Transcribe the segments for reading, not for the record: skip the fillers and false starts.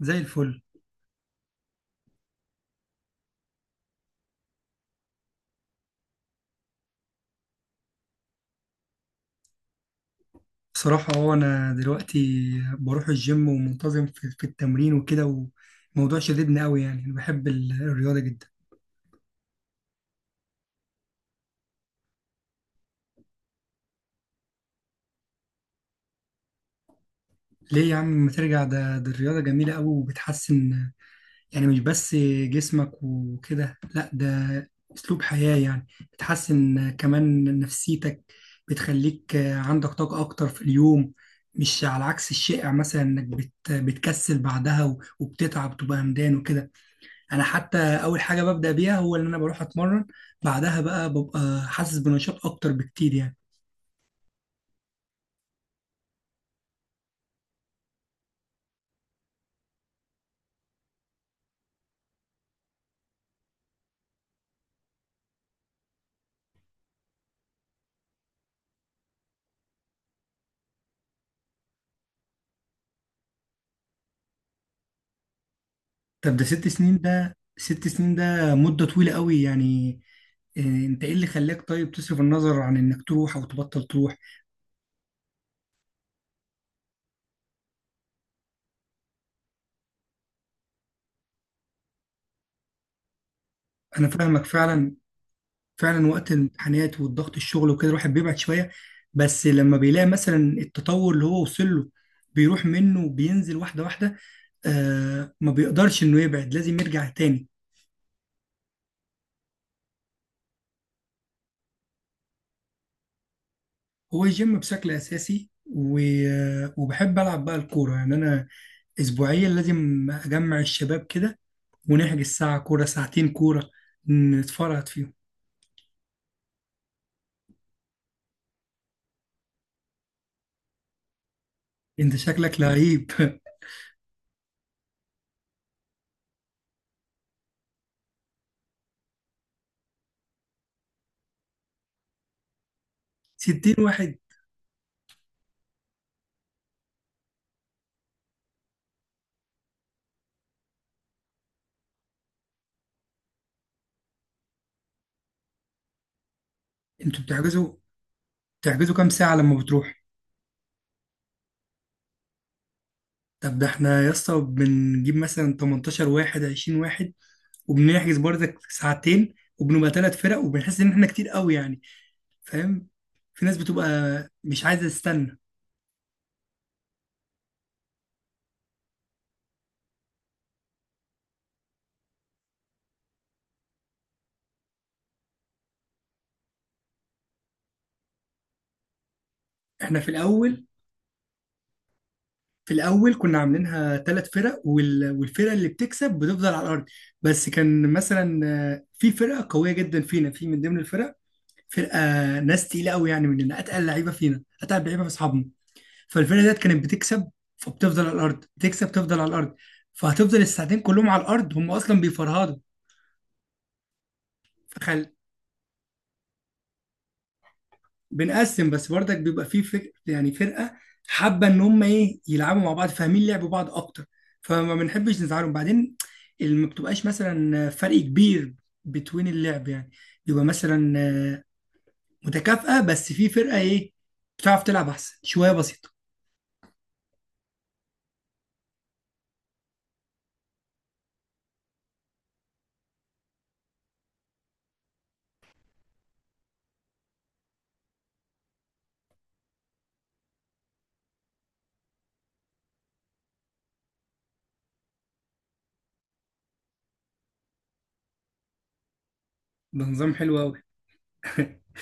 زي الفل. بصراحة، هو أنا دلوقتي بروح الجيم ومنتظم في التمرين وكده. والموضوع شددني أوي، يعني أنا بحب الرياضة جدا. ليه يا عم ما ترجع؟ ده الرياضة جميلة أوي وبتحسن، يعني مش بس جسمك وكده. لأ، ده أسلوب حياة يعني. بتحسن كمان نفسيتك، بتخليك عندك طاقة أكتر في اليوم. مش على عكس الشائع مثلا إنك بتكسل بعدها وبتتعب تبقى همدان وكده. انا حتى اول حاجه ببدا بيها هو ان انا بروح اتمرن، بعدها بقى ببقى حاسس بنشاط اكتر بكتير يعني. طب ده 6 سنين، ده 6 سنين، ده مده طويله قوي يعني. إيه، انت ايه اللي خلاك طيب تصرف النظر عن انك تروح او تبطل تروح؟ انا فاهمك فعلا. فعلا وقت الامتحانات والضغط الشغل وكده الواحد بيبعد شويه، بس لما بيلاقي مثلا التطور اللي هو وصل له بيروح منه وبينزل واحده واحده. آه، ما بيقدرش انه يبعد، لازم يرجع تاني. هو الجيم بشكل اساسي وبحب العب بقى الكوره. يعني انا اسبوعيا لازم اجمع الشباب كده ونحجز ساعه كوره، ساعتين كوره، نتفرهد فيهم. انت شكلك لعيب. 60 واحد؟ انتوا بتحجزوا، كام ساعه لما بتروح؟ طب ده احنا يا اسطى بنجيب مثلا 18 واحد 20 واحد، وبنحجز برضك ساعتين وبنبقى ثلاث فرق، وبنحس ان احنا كتير قوي يعني. فاهم؟ في ناس بتبقى مش عايزه تستنى. احنا في الاول في الاول كنا عاملينها ثلاث فرق والفرقه اللي بتكسب بتفضل على الارض. بس كان مثلا في فرقه قويه جدا فينا، في من ضمن الفرق فرقه ناس تقيله قوي، يعني مننا اتقل لعيبه فينا، اتقل لعيبه من اصحابنا. فالفرقه ديت كانت بتكسب، فبتفضل على الارض. بتكسب تفضل على الارض، فهتفضل الساعتين كلهم على الارض. هم اصلا بيفرهدوا. بنقسم، بس برضك بيبقى فيه يعني فرقه حابه ان هم ايه يلعبوا مع بعض، فاهمين لعب بعض اكتر، فما بنحبش نزعلهم بعدين. ما بتبقاش مثلا فرق كبير بتوين اللعب يعني. يبقى مثلا متكافئه، بس في فرقه ايه بتعرف تلعب احسن شويه بسيطه. ده نظام حلو قوي.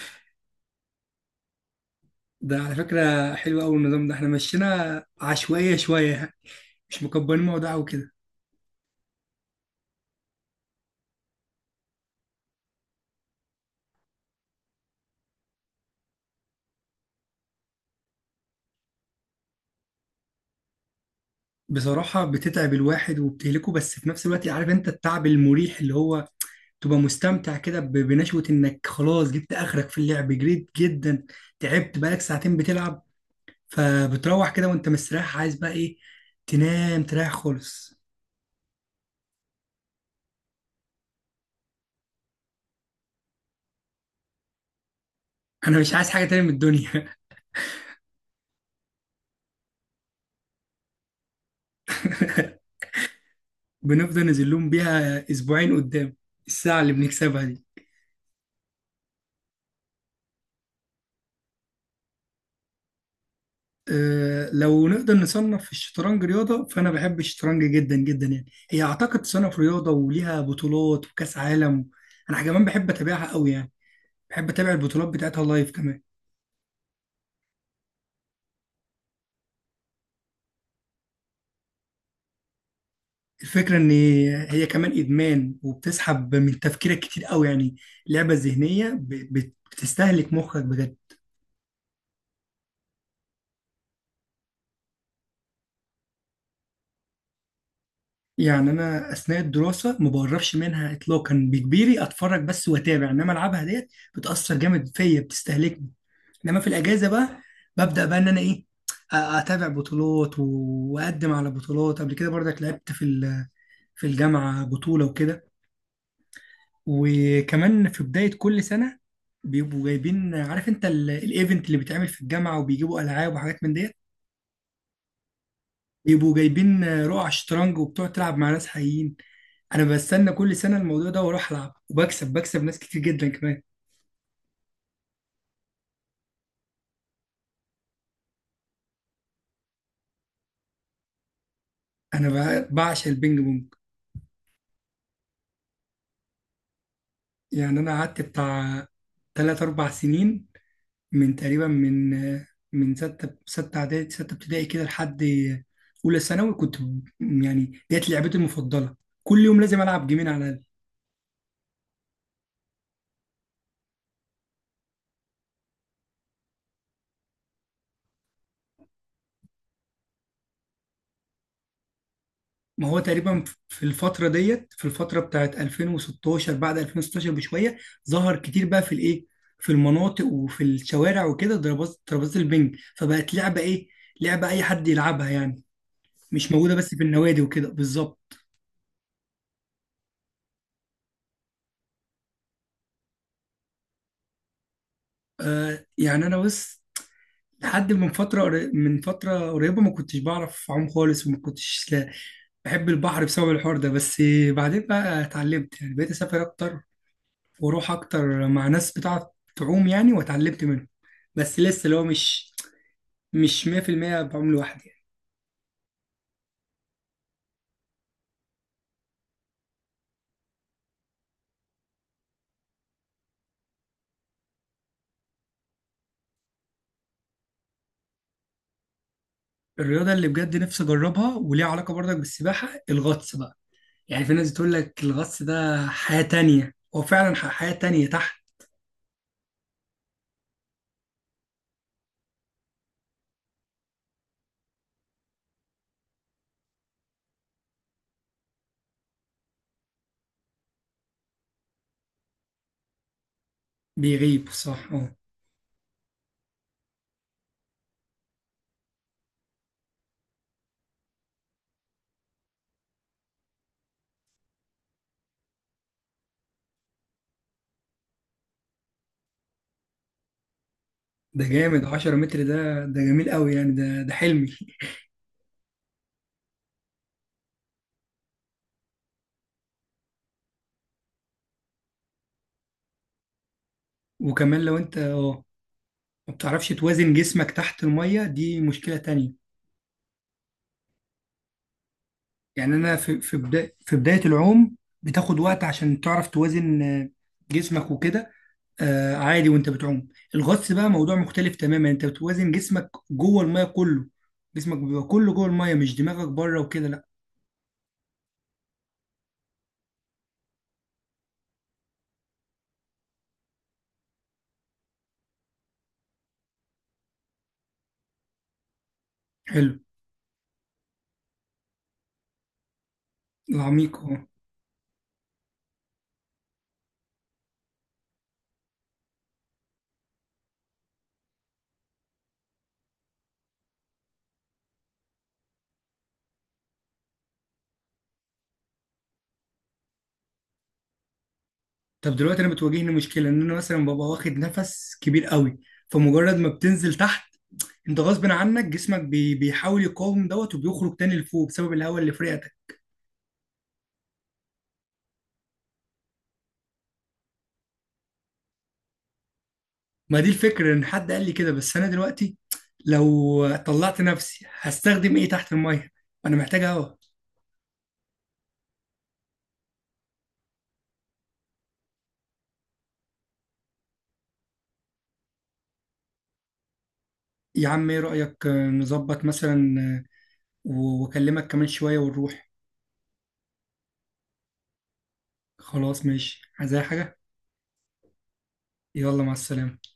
ده على فكره حلو قوي النظام ده. احنا مشينا عشوائيه شويه يعني، مش مكبرين الموضوع وكده. بصراحه بتتعب الواحد وبتهلكه، بس في نفس الوقت عارف انت التعب المريح اللي هو تبقى مستمتع كده بنشوة انك خلاص جبت اخرك في اللعب، جريت جدا، تعبت بقالك ساعتين بتلعب، فبتروح كده وانت مستريح عايز بقى ايه؟ تنام تريح خالص. انا مش عايز حاجة تانية من الدنيا. بنفضل نزلهم بيها اسبوعين قدام، الساعة اللي بنكسبها دي. أه، لو نقدر نصنف الشطرنج رياضة، فأنا بحب الشطرنج جدا جدا يعني. هي أعتقد تصنف رياضة وليها بطولات وكأس عالم. أنا كمان بحب أتابعها قوي يعني، بحب أتابع البطولات بتاعتها لايف كمان. الفكرة إن هي كمان إدمان وبتسحب من تفكيرك كتير قوي يعني. لعبة ذهنية بتستهلك مخك بجد. يعني أنا أثناء الدراسة ما بقربش منها إطلاقا، بكبيري أتفرج بس وأتابع، إنما ألعبها ديت بتأثر جامد فيا، بتستهلكني. إنما في الأجازة بقى ببدأ بقى إن أنا إيه أتابع بطولات وأقدم على بطولات. قبل كده برضك لعبت في الجامعة بطولة وكده. وكمان في بداية كل سنة بيبقوا جايبين، عارف انت الايفنت اللي بيتعمل في الجامعة، وبيجيبوا ألعاب وحاجات من ديت. بيبقوا جايبين رقع شطرنج وبتقعد تلعب مع ناس حقيقيين. انا بستنى كل سنة الموضوع ده واروح العب وبكسب، ناس كتير جدا كمان. انا بعشق البينج بونج. يعني انا قعدت بتاع تلات أربع سنين، من تقريبا من ستة، ستة إعدادي ستة ابتدائي كده، لحد أولى ثانوي كنت يعني ديت لعبتي المفضلة. كل يوم لازم ألعب جيمين على الأقل. ما هو تقريبا في الفترة ديت، في الفترة بتاعت 2016، بعد 2016 بشوية، ظهر كتير بقى في الايه، في المناطق وفي الشوارع وكده. ترابيزة البنج فبقت لعبة ايه، لعبة اي حد يلعبها يعني، مش موجودة بس في النوادي وكده. بالظبط. يعني انا بس لحد من فترة قريبة ما كنتش بعرف اعوم خالص، وما كنتش بحب البحر بسبب الحوار ده بس. بعدين بقى اتعلمت، يعني بقيت اسافر اكتر، واروح اكتر مع ناس بتعرف تعوم يعني، واتعلمت منهم. بس لسه اللي هو مش 100% بعوم لوحدي يعني. الرياضه اللي بجد نفسي اجربها وليها علاقه برضك بالسباحه الغطس بقى. يعني في ناس بتقول لك الغطس ده حياه تانية. هو فعلا حياه تانية تحت. بيغيب، صح، اه. ده جامد. 10 متر، ده جميل قوي يعني. ده حلمي. وكمان لو انت ما بتعرفش توازن جسمك تحت الميه، دي مشكله تانية. يعني انا في بدايه العوم بتاخد وقت عشان تعرف توازن جسمك وكده. عادي وانت بتعوم. الغطس بقى موضوع مختلف تماما. انت بتوازن جسمك جوه الميه كله، جسمك بيبقى كله جوه الميه، مش دماغك بره وكده لا. حلو. العميق، اه. طب دلوقتي انا بتواجهني مشكله ان انا مثلا ببقى واخد نفس كبير قوي، فمجرد ما بتنزل تحت انت غصب عنك جسمك بيحاول يقاوم دوت وبيخرج تاني لفوق بسبب الهواء اللي في رئتك. ما دي الفكرة، ان حد قال لي كده، بس انا دلوقتي لو طلعت نفسي هستخدم ايه تحت المية؟ انا محتاج هوا. يا عم ايه رأيك نظبط مثلا واكلمك كمان شوية ونروح. خلاص ماشي، عايز اي حاجة. يلا مع السلامة.